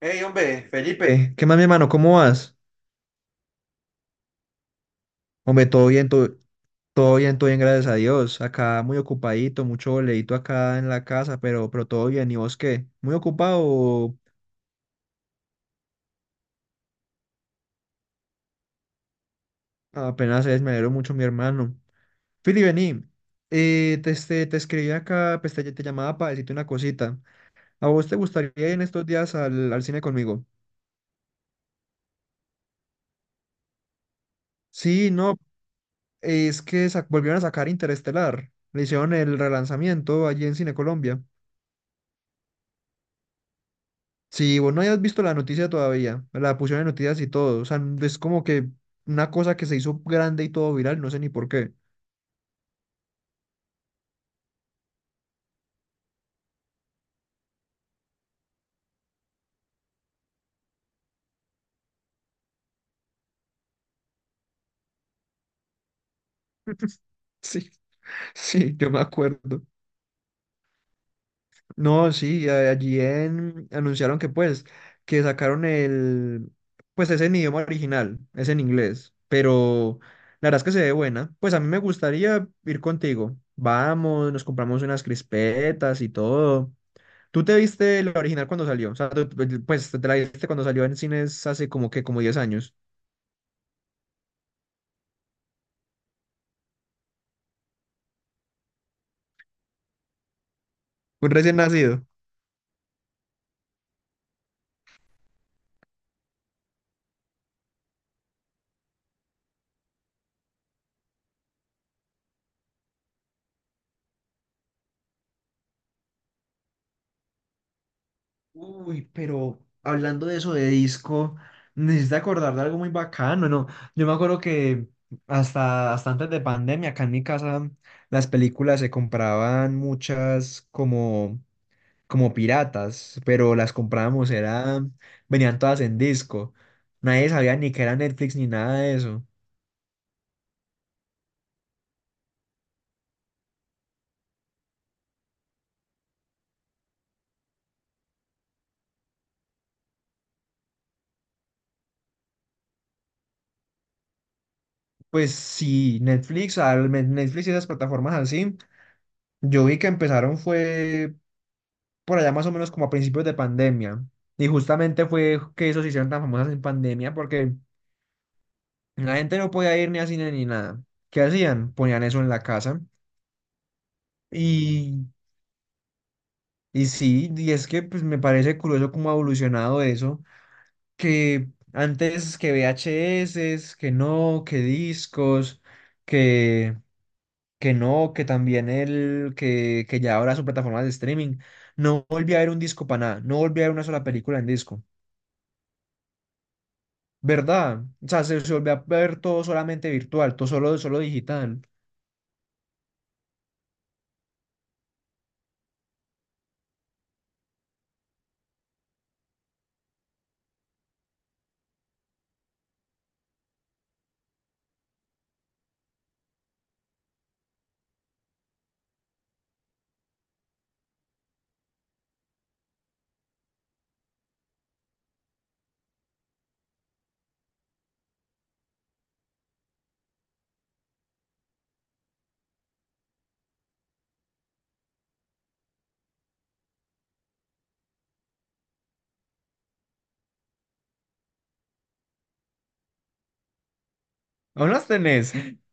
Hey, hombre, Felipe, ¿qué más, mi hermano? ¿Cómo vas? Hombre, todo bien, todo bien, todo bien, gracias a Dios. Acá muy ocupadito, mucho boleíto acá en la casa, pero todo bien. ¿Y vos qué? ¿Muy ocupado? O Apenas es, me alegro mucho, mi hermano. Fili, vení. Te escribí acá, pues te llamaba para decirte una cosita. ¿A vos te gustaría ir en estos días al cine conmigo? Sí, no, es que volvieron a sacar Interestelar. Le hicieron el relanzamiento allí en Cine Colombia. Si vos no hayas visto la noticia todavía, la pusieron en noticias y todo, o sea, es como que una cosa que se hizo grande y todo viral, no sé ni por qué. Sí, sí, yo me acuerdo. No, sí, allí anunciaron que pues, que sacaron pues es en idioma original, es en inglés, pero la verdad es que se ve buena. Pues a mí me gustaría ir contigo. Vamos, nos compramos unas crispetas y todo. ¿Tú te viste la original cuando salió? O sea, pues te la viste cuando salió en cines hace como 10 años. Un recién nacido. Uy, pero hablando de eso de disco, necesito acordar de algo muy bacano, ¿no? Yo me acuerdo que hasta antes de pandemia, acá en mi casa, las películas se compraban muchas como piratas, pero las comprábamos, venían todas en disco. Nadie sabía ni que era Netflix ni nada de eso. Pues sí, Netflix, Netflix y esas plataformas así, yo vi que empezaron fue por allá más o menos como a principios de pandemia. Y justamente fue que esos se hicieron tan famosas en pandemia porque la gente no podía ir ni a cine ni nada. ¿Qué hacían? Ponían eso en la casa. Y, y sí, y es que pues me parece curioso cómo ha evolucionado eso, que antes que VHS, que no, que discos, que no, que también el que ya ahora su plataforma de streaming. No volví a ver un disco para nada, no volví a ver una sola película en disco, ¿verdad? O sea, se volvió a ver todo solamente virtual, todo solo digital. ¿Aún las tenés?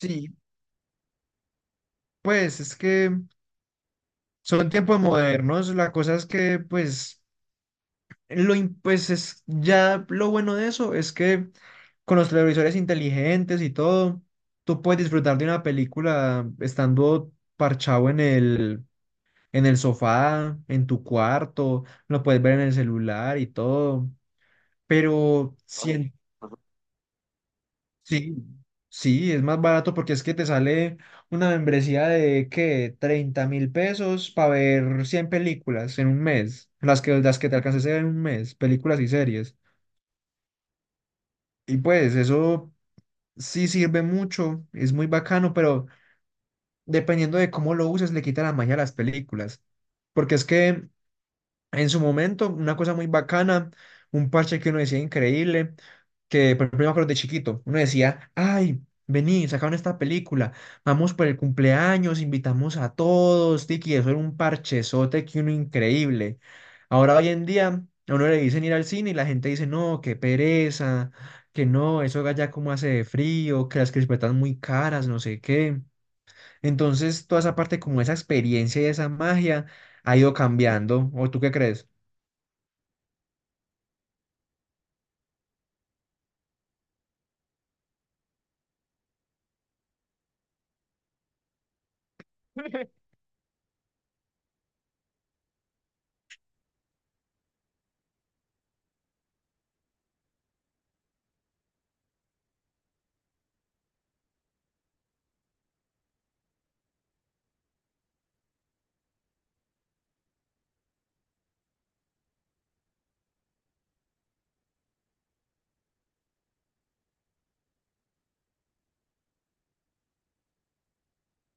Sí, pues es que son tiempos modernos, la cosa es que pues, lo, im- pues es, ya lo bueno de eso es que con los televisores inteligentes y todo, tú puedes disfrutar de una película estando parchado en el sofá, en tu cuarto, lo puedes ver en el celular y todo. Pero ¿no? Sí, sí, sí, es más barato porque es que te sale una membresía de ¿qué? 30.000 pesos para ver 100 películas en un mes, las que te alcances a ver en un mes, películas y series. Y pues eso sí sirve mucho, es muy bacano, pero dependiendo de cómo lo uses, le quita la magia a las películas. Porque es que en su momento, una cosa muy bacana, un parche que uno decía increíble, que por ejemplo, yo me acuerdo de chiquito, uno decía, ay, vení, sacaron esta película, vamos por el cumpleaños, invitamos a todos, tiki, eso era un parchezote que uno increíble. Ahora hoy en día, a uno le dicen ir al cine y la gente dice, no, qué pereza, que no, eso allá como hace de frío, que las crispetas muy caras, no sé qué. Entonces, toda esa parte como esa experiencia y esa magia ha ido cambiando, ¿o tú qué crees?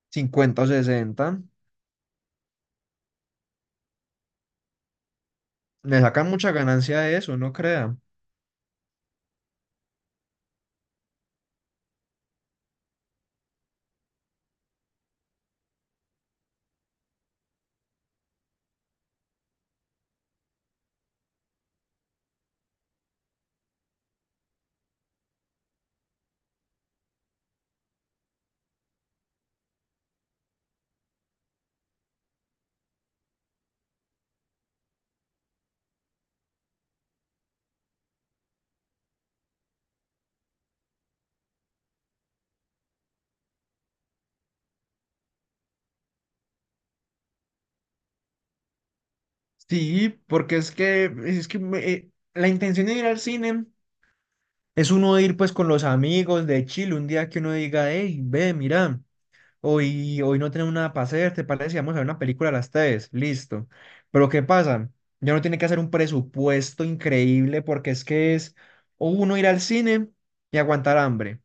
Cincuenta o sesenta. Le sacan mucha ganancia de eso, no crea. Sí, porque es que la intención de ir al cine es uno ir pues con los amigos de Chile, un día que uno diga, hey, ve, mira, hoy no tenemos nada para hacer, ¿te parece? Vamos a ver una película a las tres, listo. Pero ¿qué pasa? Ya no tiene que hacer un presupuesto increíble porque es que es o uno ir al cine y aguantar hambre,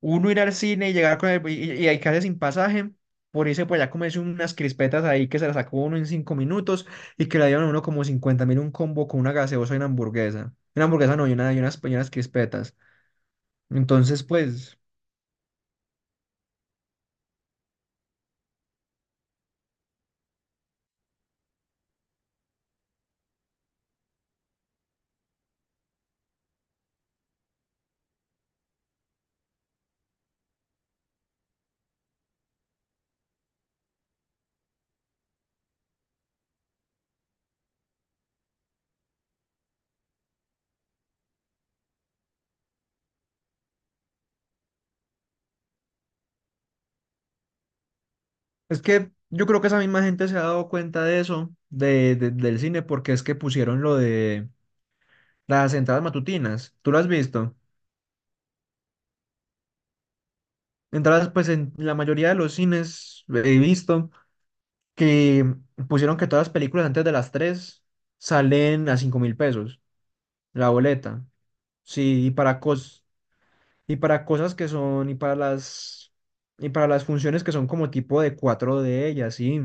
uno ir al cine y llegar y quedarse sin pasaje, por irse por allá comerse unas crispetas ahí que se las sacó uno en 5 minutos y que le dieron a uno como 50.000 un combo con una gaseosa y una hamburguesa. Una hamburguesa no, y unas crispetas. Entonces, pues, es que yo creo que esa misma gente se ha dado cuenta de eso, de, del cine, porque es que pusieron lo de las entradas matutinas. ¿Tú lo has visto? Entradas, pues, en la mayoría de los cines he visto. Que pusieron que todas las películas antes de las 3 salen a 5.000 pesos la boleta. Sí, y para cosas que son, y para las funciones que son como tipo de cuatro de ellas, sí,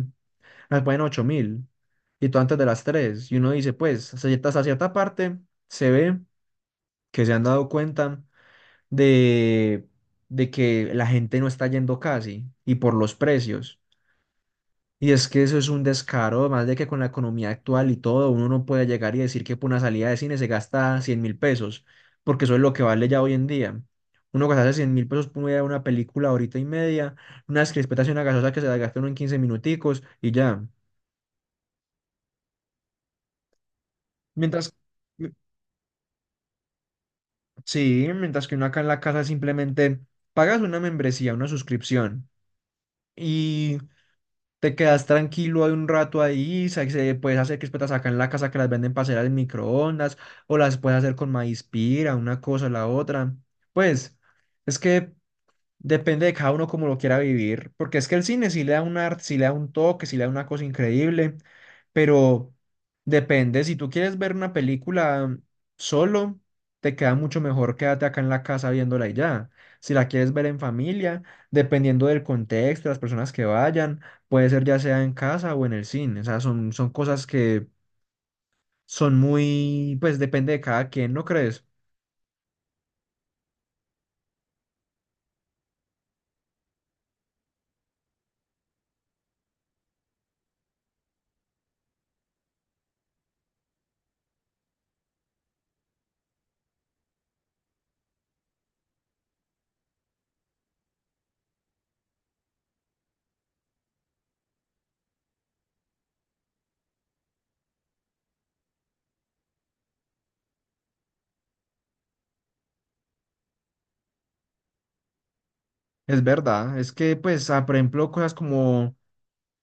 las ponen 8.000. Y todo antes de las tres. Y uno dice, pues, hasta cierta parte se ve que se han dado cuenta de, de que la gente no está yendo casi y por los precios. Y es que eso es un descaro, además de que con la economía actual y todo, uno no puede llegar y decir que por una salida de cine se gasta 100.000 pesos, porque eso es lo que vale ya hoy en día. Uno gastarse 100.000 pesos por una película horita y media, unas crispetas y una gaseosa que se la gasta uno en 15 minuticos y ya. Mientras, mi- sí, mientras que uno acá en la casa simplemente pagas una membresía, una suscripción. Y te quedas tranquilo hay un rato ahí, se puedes hacer crispetas acá en la casa que las venden para hacer al microondas, o las puedes hacer con maíz pira, una cosa, la otra. Pues, es que depende de cada uno como lo quiera vivir, porque es que el cine sí le da un arte, sí le da un toque, sí le da una cosa increíble, pero depende, si tú quieres ver una película solo, te queda mucho mejor quédate acá en la casa viéndola y ya. Si la quieres ver en familia, dependiendo del contexto, las personas que vayan, puede ser ya sea en casa o en el cine, o sea, son cosas que son muy, pues depende de cada quien, ¿no crees? Es verdad, es que pues, por ejemplo, cosas como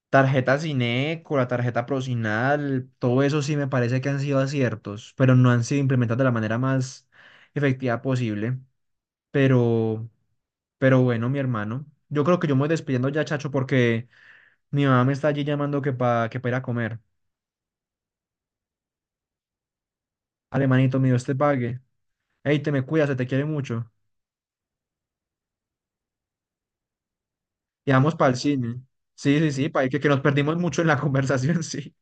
Tarjeta Cineco, la tarjeta Procinal, todo eso sí me parece que han sido aciertos, pero no han sido implementados de la manera más efectiva posible. Pero, pero bueno, mi hermano, yo creo que yo me voy despidiendo ya, chacho, porque mi mamá me está allí llamando que para que pa ir a comer. Alemanito, mío Dios te pague. Ey, te me cuidas, se te quiere mucho. Y vamos para el cine. Sí, sí, sí, para que nos perdimos mucho en la conversación, sí.